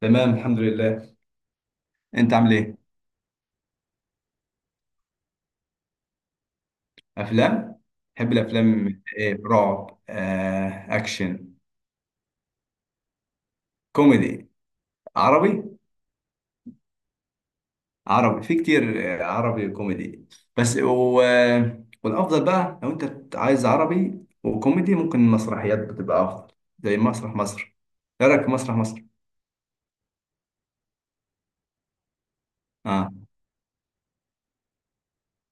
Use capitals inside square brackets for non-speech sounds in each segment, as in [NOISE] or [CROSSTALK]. تمام، الحمد لله. انت عامل ايه؟ افلام. بحب الافلام. ايه؟ رعب، اكشن، كوميدي. عربي. عربي في كتير. عربي وكوميدي. بس و... آه، والافضل بقى، لو انت عايز عربي وكوميدي ممكن المسرحيات بتبقى افضل، زي مسرح مصر. ايه رايك في مسرح مصر؟ اه.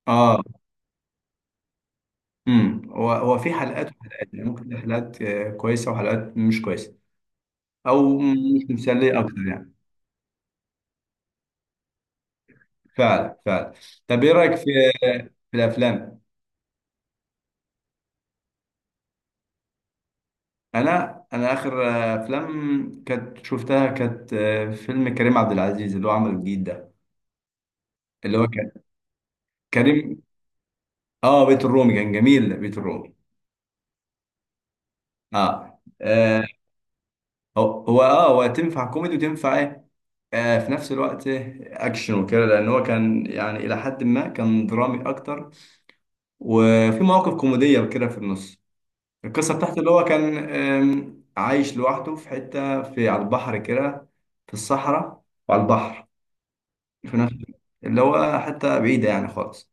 اه. هو في حلقات وحلقات، يعني ممكن حلقات كويسه وحلقات مش كويسه، او مش مثاليه اكتر يعني. فعلا، فعلا. طب ايه رايك في في الافلام؟ انا اخر افلام كانت شفتها، كانت فيلم كريم عبد العزيز اللي هو عمله الجديد ده. اللي هو كان كريم. اه، بيت الرومي كان جميل، بيت الرومي. اه. هو تنفع كوميدي وتنفع ايه، في نفس الوقت، اكشن وكده، لان هو كان يعني الى حد ما كان درامي اكتر، وفي مواقف كوميديه وكده في النص. القصة بتاعته، اللي هو كان عايش لوحده في حتة، على البحر كده، في الصحراء وعلى البحر، في نفس الوقت، اللي هو حتة بعيدة يعني خالص.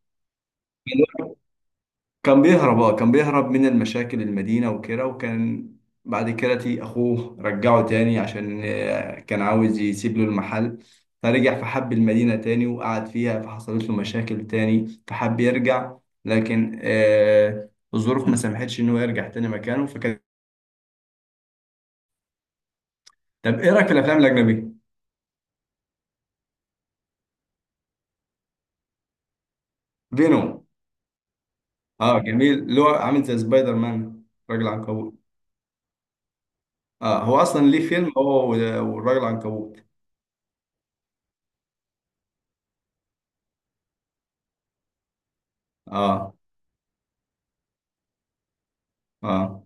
كان بيهرب من المشاكل المدينة وكده. وكان بعد كده أخوه رجعه تاني، عشان كان عاوز يسيب له المحل. فرجع فحب المدينة تاني وقعد فيها، فحصلت له مشاكل تاني فحب يرجع، لكن الظروف ما سمحتش إن هو يرجع تاني مكانه، فكان. طب إيه رأيك في الأفلام الأجنبية؟ فينوم. اه، جميل. اللي هو عامل زي سبايدر مان، راجل عنكبوت. اه، هو اصلا ليه فيلم، هو والراجل العنكبوت. اه. اه.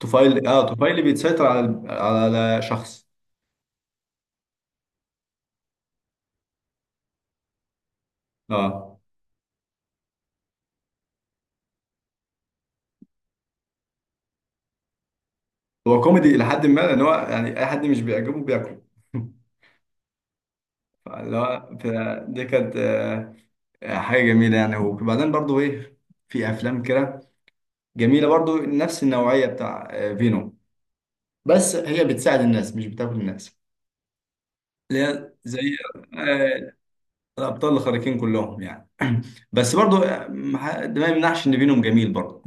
طفيلي بيتسيطر على شخص. اه، هو كوميدي الى حد ما، لان هو يعني اي حد مش بيعجبه بياكله. [LAUGHS] دي كانت حاجه جميله يعني. وبعدين برضو ايه؟ في افلام كده جميله برضو، نفس النوعيه بتاع فينوم، بس هي بتساعد الناس مش بتاكل الناس. اللي هي زي آه، الابطال الخارقين كلهم يعني. [CLEARS THROAT] بس برضو، ما ده ما يمنعش ان بينهم جميل برضو.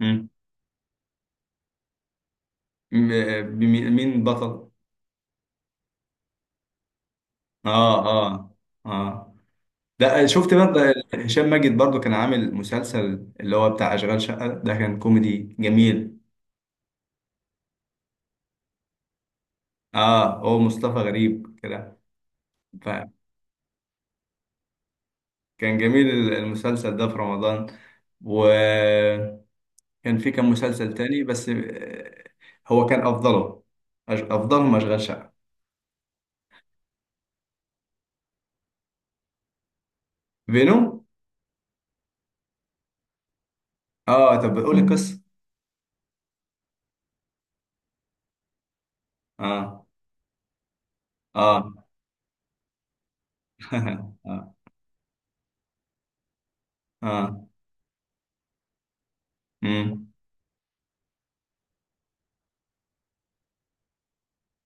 مم. مين بطل؟ اه. اه. اه. ده شفت برضه. هشام ماجد برضو كان عامل مسلسل، اللي هو بتاع اشغال شقه ده، كان كوميدي جميل. اه، هو مصطفى غريب كده. فكان جميل المسلسل ده في رمضان، وكان في كام مسلسل تاني، بس هو كان افضله. افضلهم اشغال شقه. بينهم. اه، طب قول القصه. اه. اه. [LAUGHS] اه. اه. امم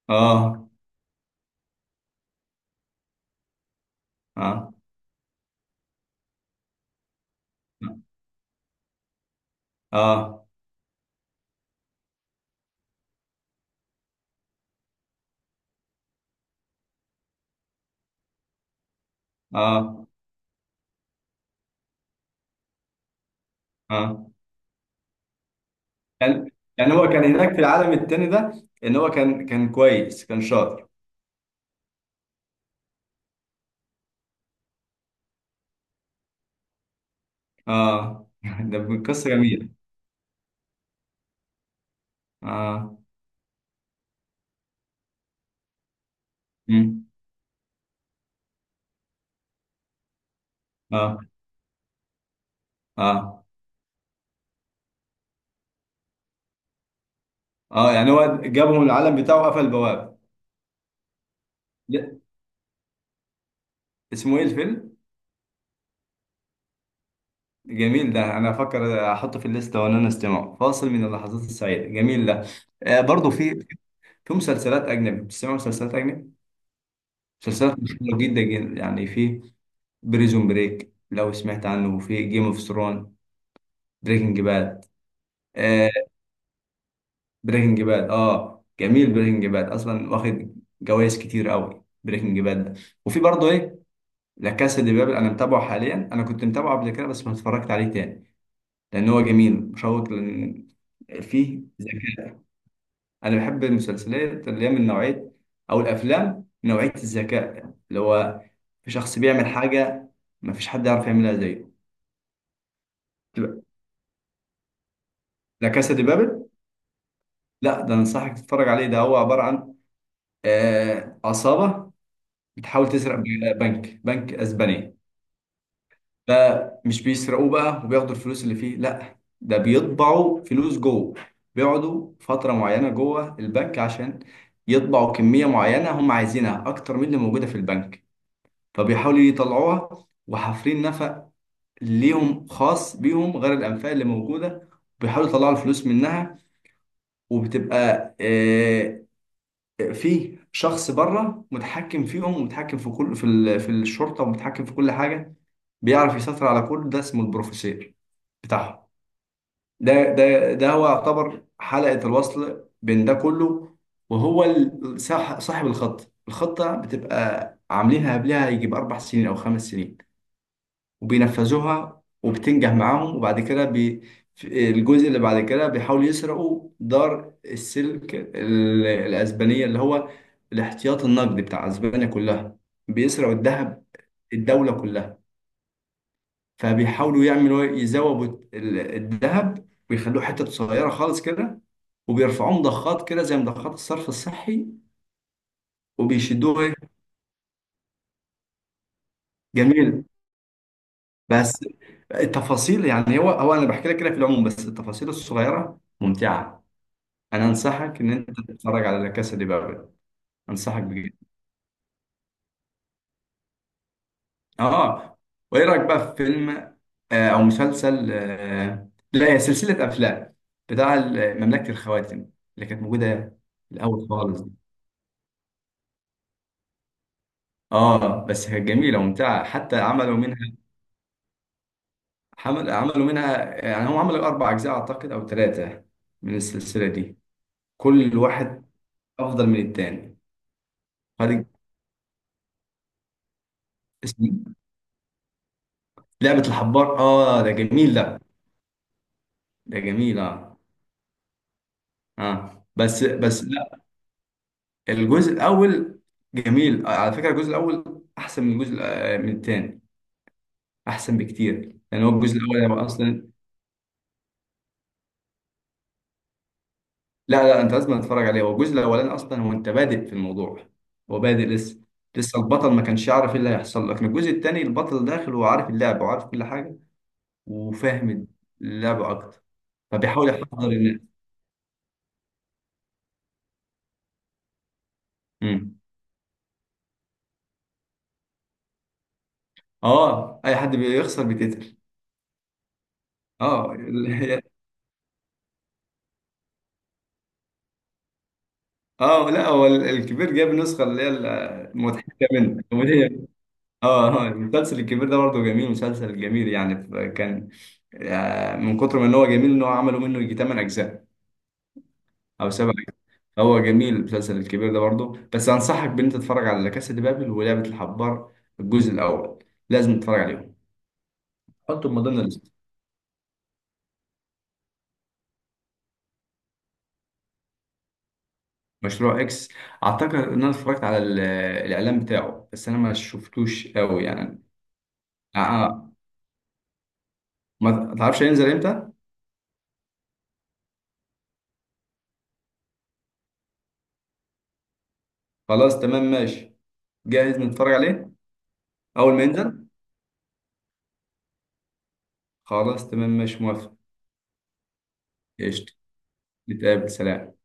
اه. اه. اه. اه. اه. يعني يعني هو كان هناك في العالم التاني ده، ان هو كان كويس، كان شاطر. اه. [LAUGHS] ده قصه جميله. اه. امم اه. اه. اه. يعني هو جابهم العالم بتاعه وقفل البوابه. لا. اسمه ايه الفيلم؟ جميل ده. انا افكر احطه في الليسته، وانا استمعه فاصل من اللحظات السعيده، جميل ده. برضو في مسلسلات أجنبي، بتسمع مسلسلات أجنبي؟ مسلسلات مشهورة جدا جدا، يعني في بريزون بريك، لو سمعت عنه، وفي جيم اوف ثرون، بريكنج باد. آه بريكنج باد، اه، جميل. بريكنج باد اصلا واخد جوائز كتير قوي، بريكنج باد ده. وفي برضه ايه، لا كاسا دي بابل، انا متابعه حاليا. انا كنت متابعه قبل كده، بس ما اتفرجت عليه تاني، لان هو جميل مشوق، لان فيه ذكاء. انا بحب المسلسلات اللي هي من نوعيه، او الافلام من نوعيه الذكاء، يعني اللي هو في شخص بيعمل حاجه ما فيش حد يعرف يعملها زيه. تبقى- لا كاسا دي بابل. لا، ده انصحك تتفرج عليه. ده هو عباره عن عصابه بتحاول تسرق بنك اسباني. فمش بيسرقوه بقى وبياخدوا الفلوس اللي فيه، لا ده بيطبعوا فلوس جوه. بيقعدوا فتره معينه جوه البنك، عشان يطبعوا كميه معينه هم عايزينها اكتر من اللي موجوده في البنك. فبيحاولوا يطلعوها، وحافرين نفق ليهم خاص بيهم غير الأنفاق اللي موجودة، بيحاولوا يطلعوا الفلوس منها. وبتبقى في شخص بره متحكم فيهم، ومتحكم في كل، في الشرطة، ومتحكم في كل حاجة، بيعرف يسيطر على كل ده، اسمه البروفيسير بتاعهم. ده هو يعتبر حلقة الوصل بين ده كله. وهو صاحب الخطة، بتبقى عاملينها قبلها يجيب 4 سنين أو 5 سنين، وبينفذوها وبتنجح معاهم. وبعد كده في الجزء اللي بعد كده، بيحاولوا يسرقوا دار السلك الأسبانية، اللي هو الاحتياط النقدي بتاع أسبانيا كلها. بيسرقوا الذهب، الدولة كلها. فبيحاولوا يعملوا يزوبوا الذهب، ويخلوه حتة صغيرة خالص كده، وبيرفعوه مضخات كده، زي مضخات الصرف الصحي، وبيشدوه ايه. جميل، بس التفاصيل يعني. هو انا بحكي لك كده في العموم، بس التفاصيل الصغيرة ممتعة. انا انصحك ان انت تتفرج على لا كاسا دي بابل. انصحك بجد. اه. وايه رايك بقى في فيلم، او مسلسل، لا، هي سلسله افلام، بتاع مملكه الخواتم، اللي كانت موجوده الاول خالص دي؟ اه، بس كانت جميله وممتعه، حتى عملوا منها. عملوا منها يعني، هم عملوا اربع اجزاء اعتقد او ثلاثه، من السلسله دي، كل واحد افضل من الثاني. هذه. اسمه إيه؟ لعبه الحبار، اه ده جميل ده. ده جميل، اه. اه، بس الجزء الاول. جميل على فكره، الجزء الاول احسن من الجزء من الثاني، احسن بكتير، لان هو الجزء الاول هو اصلا. لا، لا، انت لازم تتفرج عليه. هو الجزء الاولاني اصلا، هو انت بادئ في الموضوع، هو بادئ لسه. لسه البطل ما كانش يعرف ايه اللي هيحصل لك. الجزء الثاني البطل داخل، وعارف اللعبه وعارف كل حاجه، وفاهم اللعبه اكتر، فبيحاول يحضر الناس. امم اه، اي حد بيخسر بيتقتل. اه، [LAUGHS] اه، لا، هو الكبير جاب النسخه اللي هي المضحكه منه. اه، المسلسل الكبير ده برضه جميل، مسلسل جميل، يعني كان من كتر ما ان هو جميل، ان هو عملوا منه يجي 8 اجزاء او 7 اجزاء. هو جميل المسلسل الكبير ده برضه، بس انصحك بان انت تتفرج على لا كاسا دي بابل ولعبة الحبار، الجزء الاول، لازم تتفرج عليهم. حطهم من ضمن الليست. مشروع اكس. اعتقد ان انا اتفرجت على الاعلان بتاعه، بس انا ما شفتوش قوي يعني. آه. آه. ما تعرفش هينزل امتى. خلاص تمام ماشي، جاهز نتفرج عليه اول ما ينزل. خلاص تمام ماشي، موافق. قشطة. نتقابل، سلام.